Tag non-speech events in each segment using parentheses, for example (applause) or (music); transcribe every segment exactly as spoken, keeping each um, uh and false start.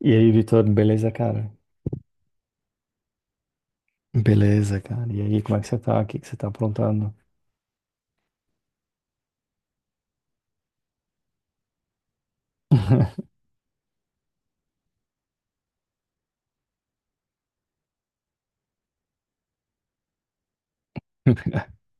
E aí, Vitor, beleza, cara? Beleza, cara. E aí, como é que você tá? O que que você tá aprontando? (laughs)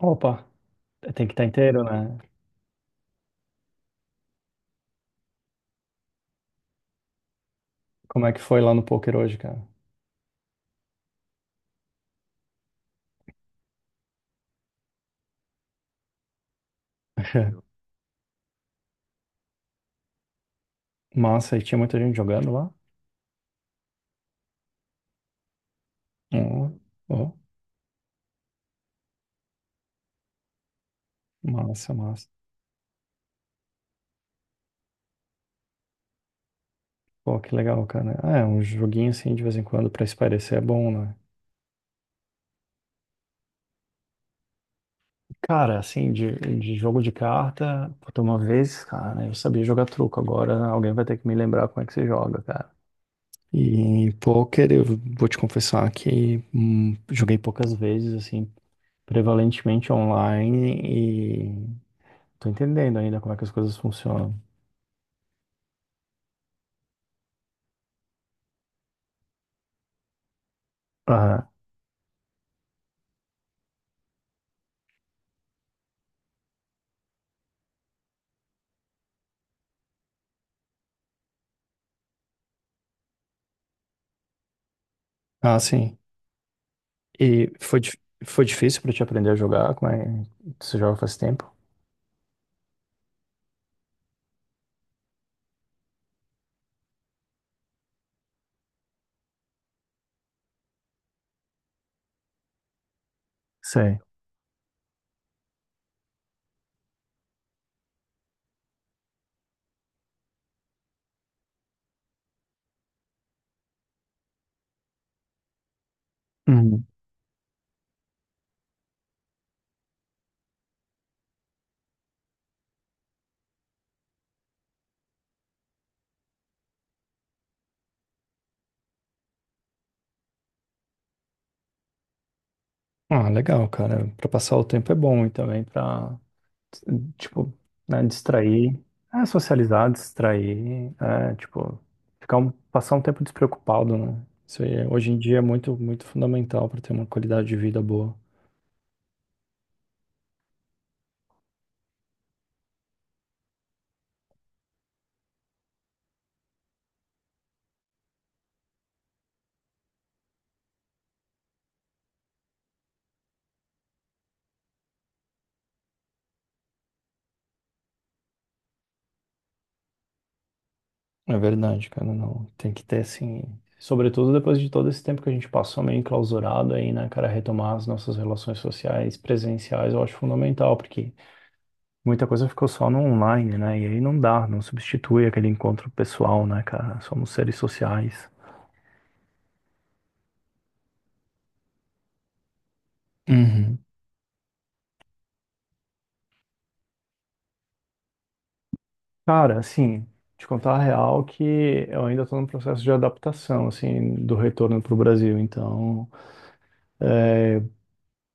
Opa, tem que estar inteiro, né? Como é que foi lá no poker hoje, cara? (laughs) Massa, e tinha muita gente jogando lá? Ó, ó, massa, massa. Pô, que legal, cara. Ah, é, um joguinho assim, de vez em quando, pra espairecer é bom, né? Cara, assim, de, de jogo de carta, puta, uma vez, cara, eu sabia jogar truco. Agora alguém vai ter que me lembrar como é que se joga, cara. E em pôquer, eu vou te confessar que hum, joguei poucas vezes, assim, prevalentemente online e tô entendendo ainda como é que as coisas funcionam. Aham. Ah, sim. E foi, dif- foi difícil pra te aprender a jogar? Como é? Você joga faz tempo? Sei. Uhum. Ah, legal, cara. Pra passar o tempo é bom e também pra tipo, né, distrair, é, socializar, distrair, é, tipo, ficar um, passar um tempo despreocupado, né? Isso aí, hoje em dia é muito, muito fundamental para ter uma qualidade de vida boa. É verdade, cara, não, tem que ter, assim, sobretudo depois de todo esse tempo que a gente passou meio enclausurado aí, né, cara, retomar as nossas relações sociais, presenciais, eu acho fundamental, porque muita coisa ficou só no online, né, e aí não dá, não substitui aquele encontro pessoal, né, cara, somos seres sociais. Uhum. Cara, assim, te contar a real que eu ainda estou no processo de adaptação, assim, do retorno para o Brasil. Então,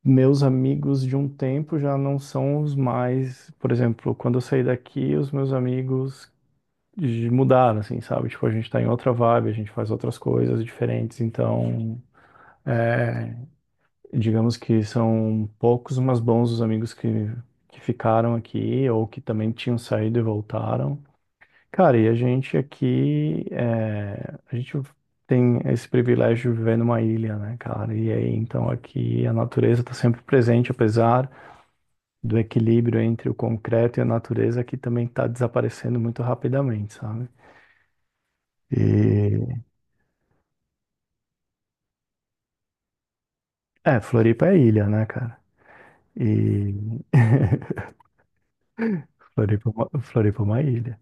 meus amigos de um tempo já não são os mais, por exemplo, quando eu saí daqui, os meus amigos de- mudaram, assim, sabe? Tipo, a gente está em outra vibe, a gente faz outras coisas diferentes. Então, é, digamos que são poucos, mas bons os amigos que, que ficaram aqui ou que também tinham saído e voltaram. Cara, e a gente aqui, é, a gente tem esse privilégio de viver numa ilha, né, cara? E aí, então, aqui a natureza está sempre presente, apesar do equilíbrio entre o concreto e a natureza, que também está desaparecendo muito rapidamente, sabe? E, é, Floripa é ilha, né, cara? E (laughs) Floripa, é uma- Floripa é uma ilha.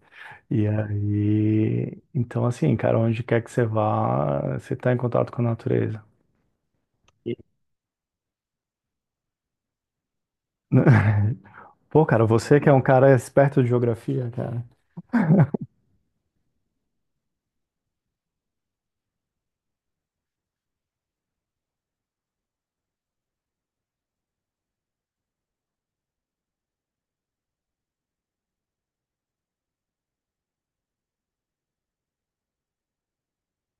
E aí, então, assim, cara, onde quer que você vá, você está em contato com a natureza. Pô, cara, você que é um cara esperto de geografia, cara.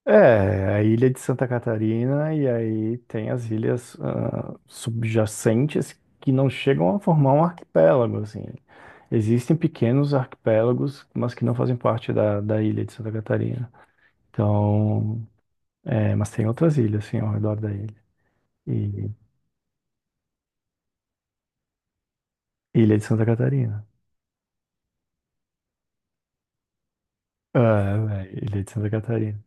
É, a ilha de Santa Catarina e aí tem as ilhas ah, subjacentes que não chegam a formar um arquipélago, assim. Existem pequenos arquipélagos, mas que não fazem parte da, da ilha de Santa Catarina. Então, é, mas tem outras ilhas, assim, ao redor da ilha. E Ilha de Santa Catarina. Ah, é, Ilha de Santa Catarina.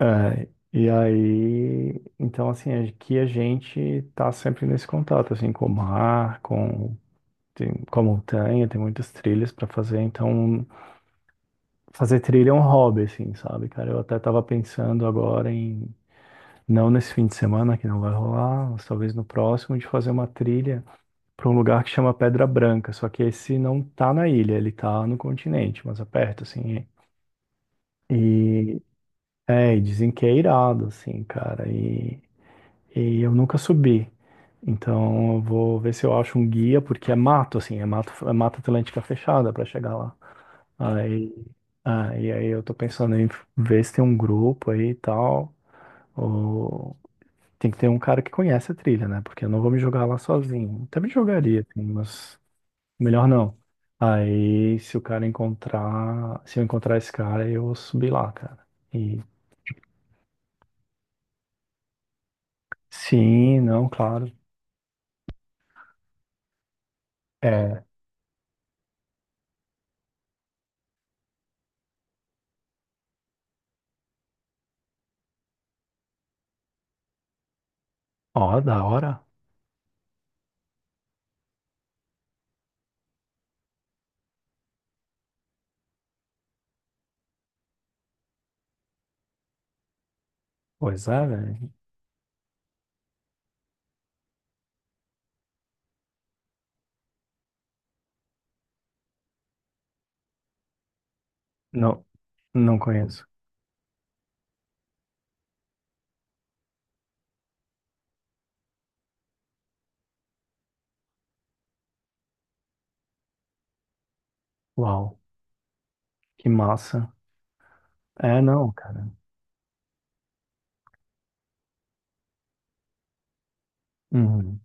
É, e aí, então assim, é que a gente tá sempre nesse contato, assim, com o mar, com, tem, com a montanha, tem muitas trilhas para fazer, então fazer trilha é um hobby, assim, sabe, cara? Eu até tava pensando agora em, não nesse fim de semana, que não vai rolar, mas talvez no próximo, de fazer uma trilha para um lugar que chama Pedra Branca, só que esse não tá na ilha, ele tá no continente, mas aperto, assim, e, é, e dizem que é irado, assim, cara, e... E eu nunca subi. Então eu vou ver se eu acho um guia, porque é mato, assim, é mato, é mata atlântica fechada para chegar lá. Aí, ah, e aí eu tô pensando em ver se tem um grupo aí e tal. Ou tem que ter um cara que conhece a trilha, né? Porque eu não vou me jogar lá sozinho. Até me jogaria, assim, mas melhor não. Aí se o cara encontrar, se eu encontrar esse cara, eu vou subir lá, cara. E sim, não, claro. É, ó, da hora. Pois é, velho. Não, não conheço. Uau, que massa. É, não, cara. Uhum.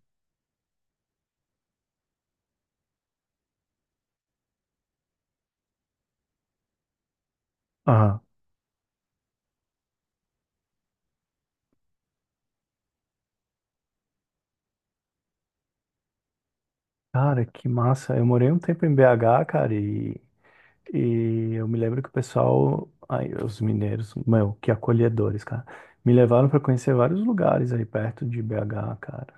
Ah, cara, que massa. Eu morei um tempo em B H, cara, e, e eu me lembro que o pessoal, aí, os mineiros, meu, que acolhedores, cara, me levaram pra conhecer vários lugares aí perto de B H, cara.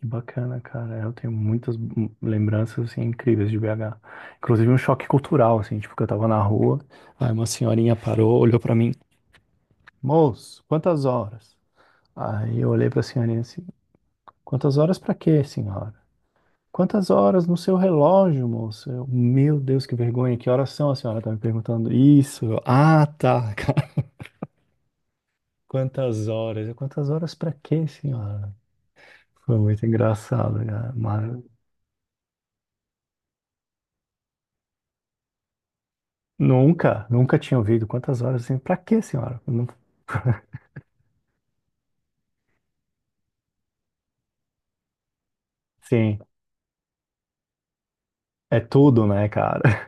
Que bacana, cara. Eu tenho muitas hum, lembranças, assim, incríveis de B H. Inclusive um choque cultural, assim, tipo, que eu tava na rua, aí uma senhorinha parou, olhou pra mim, moço, quantas horas? Aí eu olhei para a senhorinha assim, quantas horas para quê, senhora? Quantas horas no seu relógio, moço? Eu, meu Deus, que vergonha, que horas são? A senhora tá me perguntando isso. Eu, ah, tá, (laughs) cara. Quantas horas? Eu, quantas horas para quê, senhora? Foi muito engraçado, cara. Mas nunca, nunca tinha ouvido quantas horas assim, para quê, senhora? Não- Sim, é tudo, né, cara?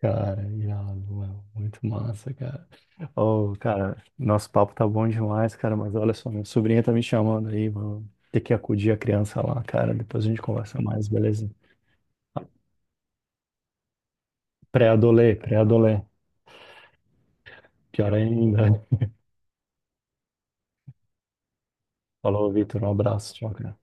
Cara, irado, ué, muito massa, cara. Ô, cara, nosso papo tá bom demais, cara, mas olha só, minha sobrinha tá me chamando aí, mano. Ter que acudir a criança lá, cara. Depois a gente conversa mais, beleza? Pré-adolê, pré-adolê. Pior ainda. Falou, Vitor, um abraço, tchau, cara.